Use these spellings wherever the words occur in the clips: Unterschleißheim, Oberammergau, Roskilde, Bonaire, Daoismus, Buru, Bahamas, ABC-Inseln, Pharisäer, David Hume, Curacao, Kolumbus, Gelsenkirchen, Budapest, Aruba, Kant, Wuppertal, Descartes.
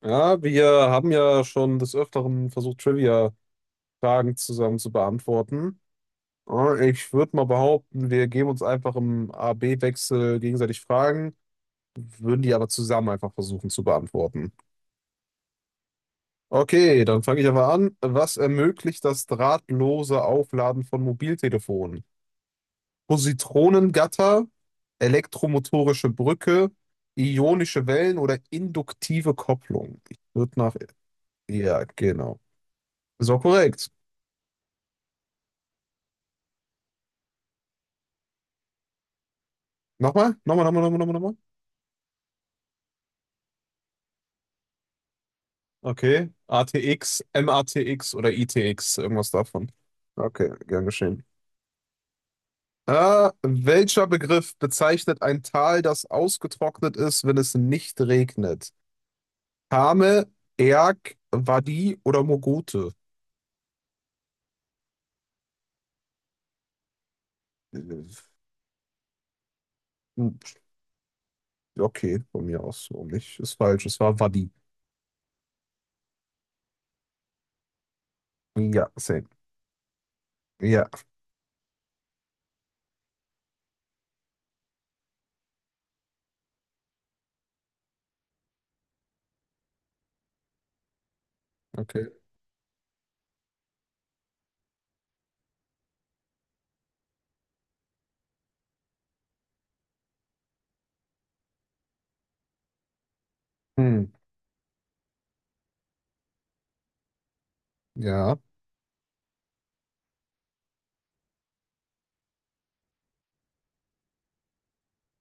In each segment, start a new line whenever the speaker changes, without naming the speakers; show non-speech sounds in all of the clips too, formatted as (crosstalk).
Ja, wir haben ja schon des Öfteren versucht, Trivia-Fragen zusammen zu beantworten. Ja, ich würde mal behaupten, wir geben uns einfach im A-B-Wechsel gegenseitig Fragen, würden die aber zusammen einfach versuchen zu beantworten. Okay, dann fange ich einfach an. Was ermöglicht das drahtlose Aufladen von Mobiltelefonen? Positronengatter, elektromotorische Brücke, ionische Wellen oder induktive Kopplung? Ich würde nach... Ja, genau. So korrekt. Nochmal? Nochmal, nochmal, nochmal, nochmal, nochmal. Okay. AATX, MATX oder ITX, irgendwas davon. Okay, gern geschehen. Welcher Begriff bezeichnet ein Tal, das ausgetrocknet ist, wenn es nicht regnet? Kame, Erg, Wadi oder Mogote? Äh, hm, Okay, von mir aus so nicht. Ist falsch, es war Wadi. Ja, same. Ja, okay. Hm, ja.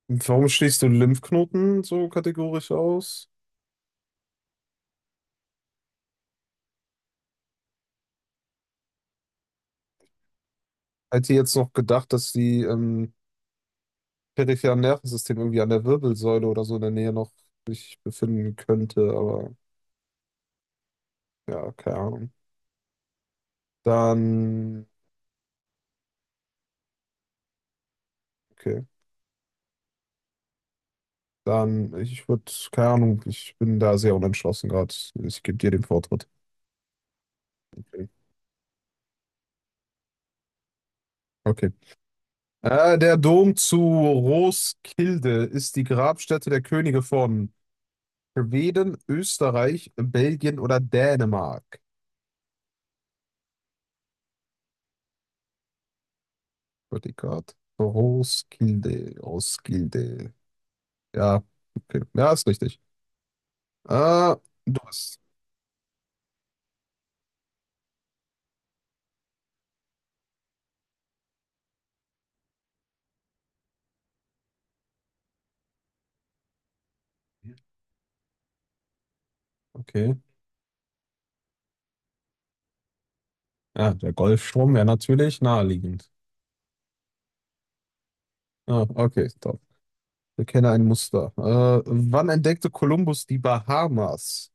Warum schließt du Lymphknoten so kategorisch aus? Hätte jetzt noch gedacht, dass die peripheren Nervensystem irgendwie an der Wirbelsäule oder so in der Nähe noch sich befinden könnte, aber ja, keine Ahnung. Dann, okay, dann, ich würde, keine Ahnung, ich bin da sehr unentschlossen gerade. Ich gebe dir den Vortritt. Okay. Okay. Der Dom zu Roskilde ist die Grabstätte der Könige von Schweden, Österreich, Belgien oder Dänemark. Gott, Roskilde, Roskilde. Ja, okay. Ja, ist richtig. Ah, du bist. Okay. Ja, der Golfstrom wäre natürlich naheliegend. Ah, okay, top. Wir kennen ein Muster. Wann entdeckte Kolumbus die Bahamas?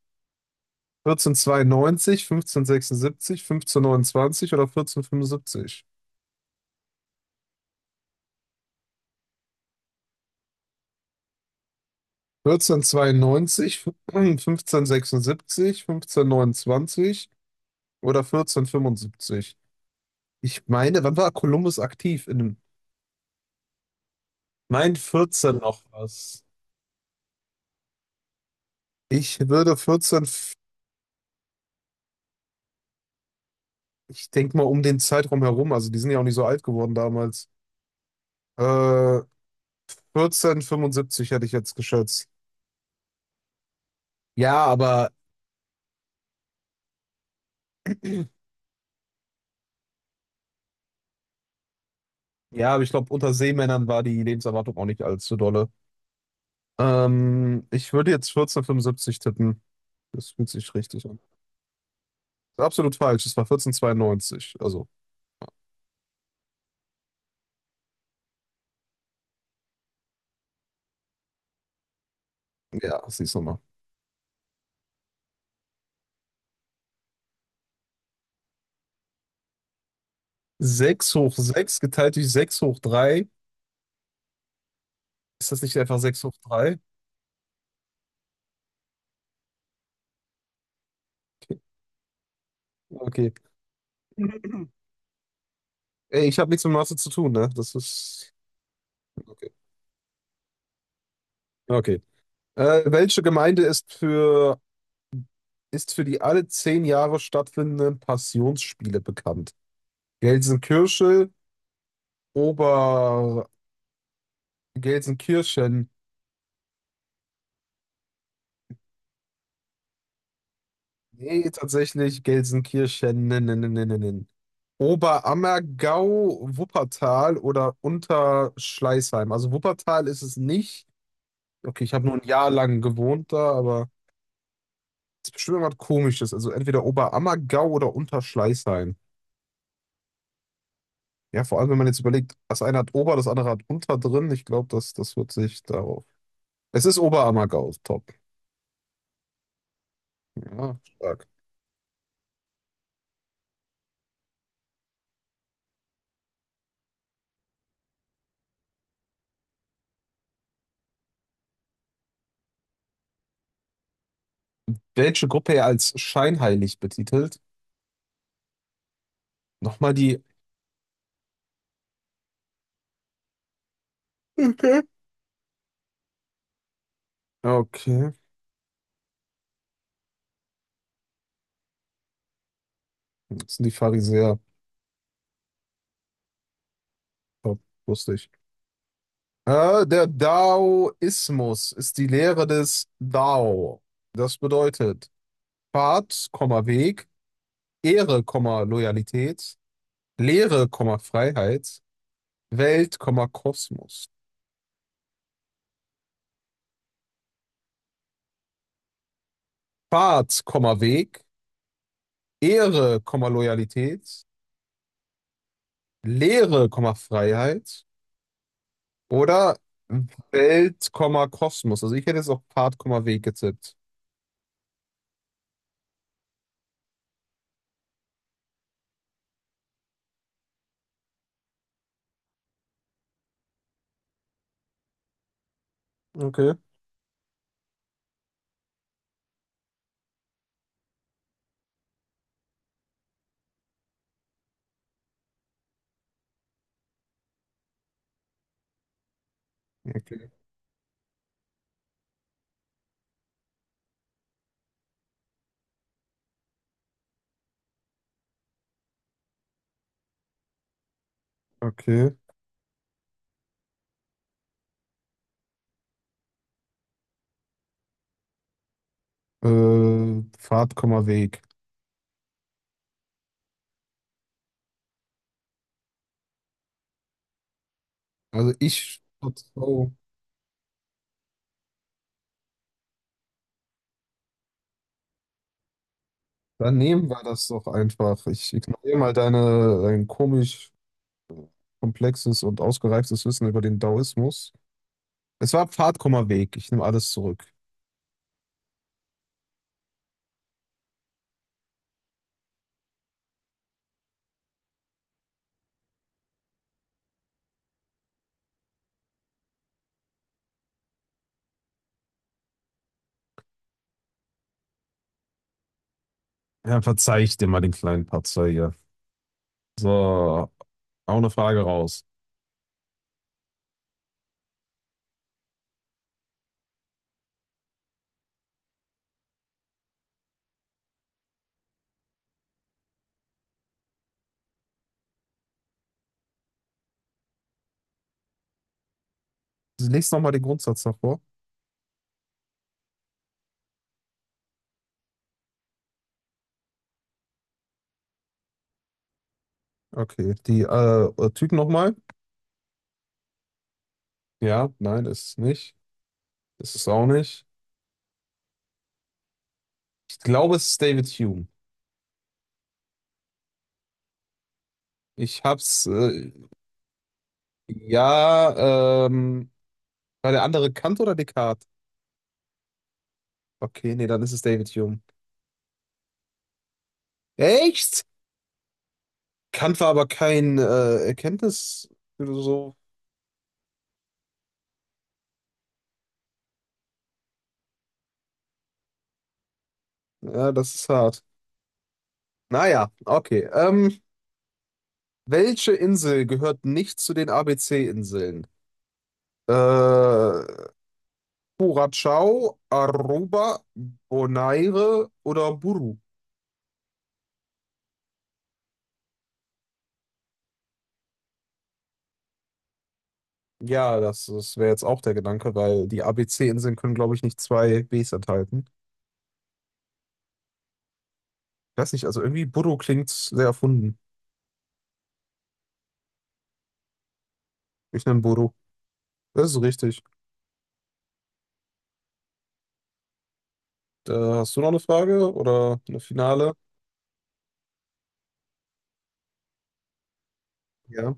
1492, 1576, 1529 oder 1475? 1492, 1576, 1529 (clears throat) oder 1475? Ich meine, wann war Kolumbus aktiv? In, mein 14 noch was. Ich würde 14. Ich denke mal um den Zeitraum herum, also die sind ja auch nicht so alt geworden damals. Äh, 14, hätte ich jetzt geschätzt. Ja, aber (clears throat) ja, aber ich glaube, unter Seemännern war die Lebenserwartung auch nicht allzu dolle. Ich würde jetzt 1475 tippen. Das fühlt sich richtig an. Ist absolut falsch. Es war 1492. Also, ja, siehst du mal. 6 hoch 6 geteilt durch 6 hoch drei. Ist das nicht einfach 6 hoch 3? Okay. (clears throat) Okay. Ey, ich habe nichts mit Mathe zu tun, ne? Das ist. Okay. Okay. Welche Gemeinde ist für die alle 10 Jahre stattfindenden Passionsspiele bekannt? Gelsenkirchen, Ober... Gelsenkirchen. Nee, tatsächlich Gelsenkirchen. Nen, nen, nen, nen, nen. Nen. Oberammergau, Wuppertal oder Unterschleißheim. Also Wuppertal ist es nicht. Okay, ich habe nur ein Jahr lang gewohnt da, aber es ist bestimmt irgendwas Komisches. Also entweder Oberammergau oder Unterschleißheim. Ja, vor allem, wenn man jetzt überlegt, das eine hat Ober, das andere hat Unter drin. Ich glaube, das wird sich darauf. Es ist Oberammergau, top. Ja, stark. Welche Gruppe als scheinheilig betitelt? Nochmal die. Okay. Okay. Das sind die Pharisäer. Top, wusste ich. Der Daoismus ist die Lehre des Dao. Das bedeutet Pfad, Komma, Weg, Ehre, Komma, Loyalität, Lehre, Komma, Freiheit, Welt, Komma, Kosmos. Fahrt, Komma, Weg, Ehre, Komma, Loyalität, Lehre, Komma, Freiheit oder Welt, Komma, Kosmos. Also ich hätte jetzt auch Fahrt, Komma, Weg getippt. Okay. Okay. Okay. Fahrt, Komma, Weg. Also ich. Oh, dann nehmen wir das doch einfach. Ich ignoriere mal deine, dein komisch komplexes und ausgereiftes Wissen über den Daoismus. Es war Pfad, Komma, Weg. Ich nehme alles zurück. Ja, verzeih ich dir mal den kleinen Patzer hier. So. Auch eine Frage raus. Lies nochmal den Grundsatz davor. Okay. Die Typ nochmal? Ja, nein, ist es nicht. Ist es auch nicht. Ich glaube, es ist David Hume. Ich hab's. Ja. War der andere Kant oder Descartes? Okay, nee, dann ist es David Hume. Echt? Kant war aber kein Erkenntnisphilosoph. Ja, das ist hart. Naja, okay. Welche Insel gehört nicht zu den ABC-Inseln? Äh, Curacao, Aruba, Bonaire oder Buru. Ja, das wäre jetzt auch der Gedanke, weil die ABC-Inseln können, glaube ich, nicht zwei Bs enthalten. Ich weiß nicht, also irgendwie Buru klingt sehr erfunden. Ich nenne Buru. Das ist richtig. Hast du noch eine Frage oder eine finale? Ja.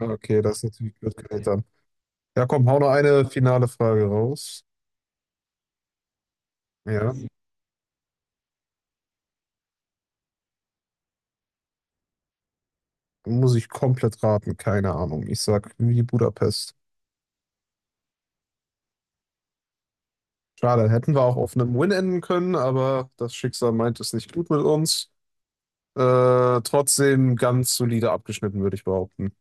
Okay, das ist natürlich blöd gewählt dann. Ja, komm, hau noch eine finale Frage raus. Ja. Muss ich komplett raten, keine Ahnung. Ich sag wie Budapest. Schade, hätten wir auch auf einem Win enden können, aber das Schicksal meint es nicht gut mit uns. Trotzdem ganz solide abgeschnitten, würde ich behaupten.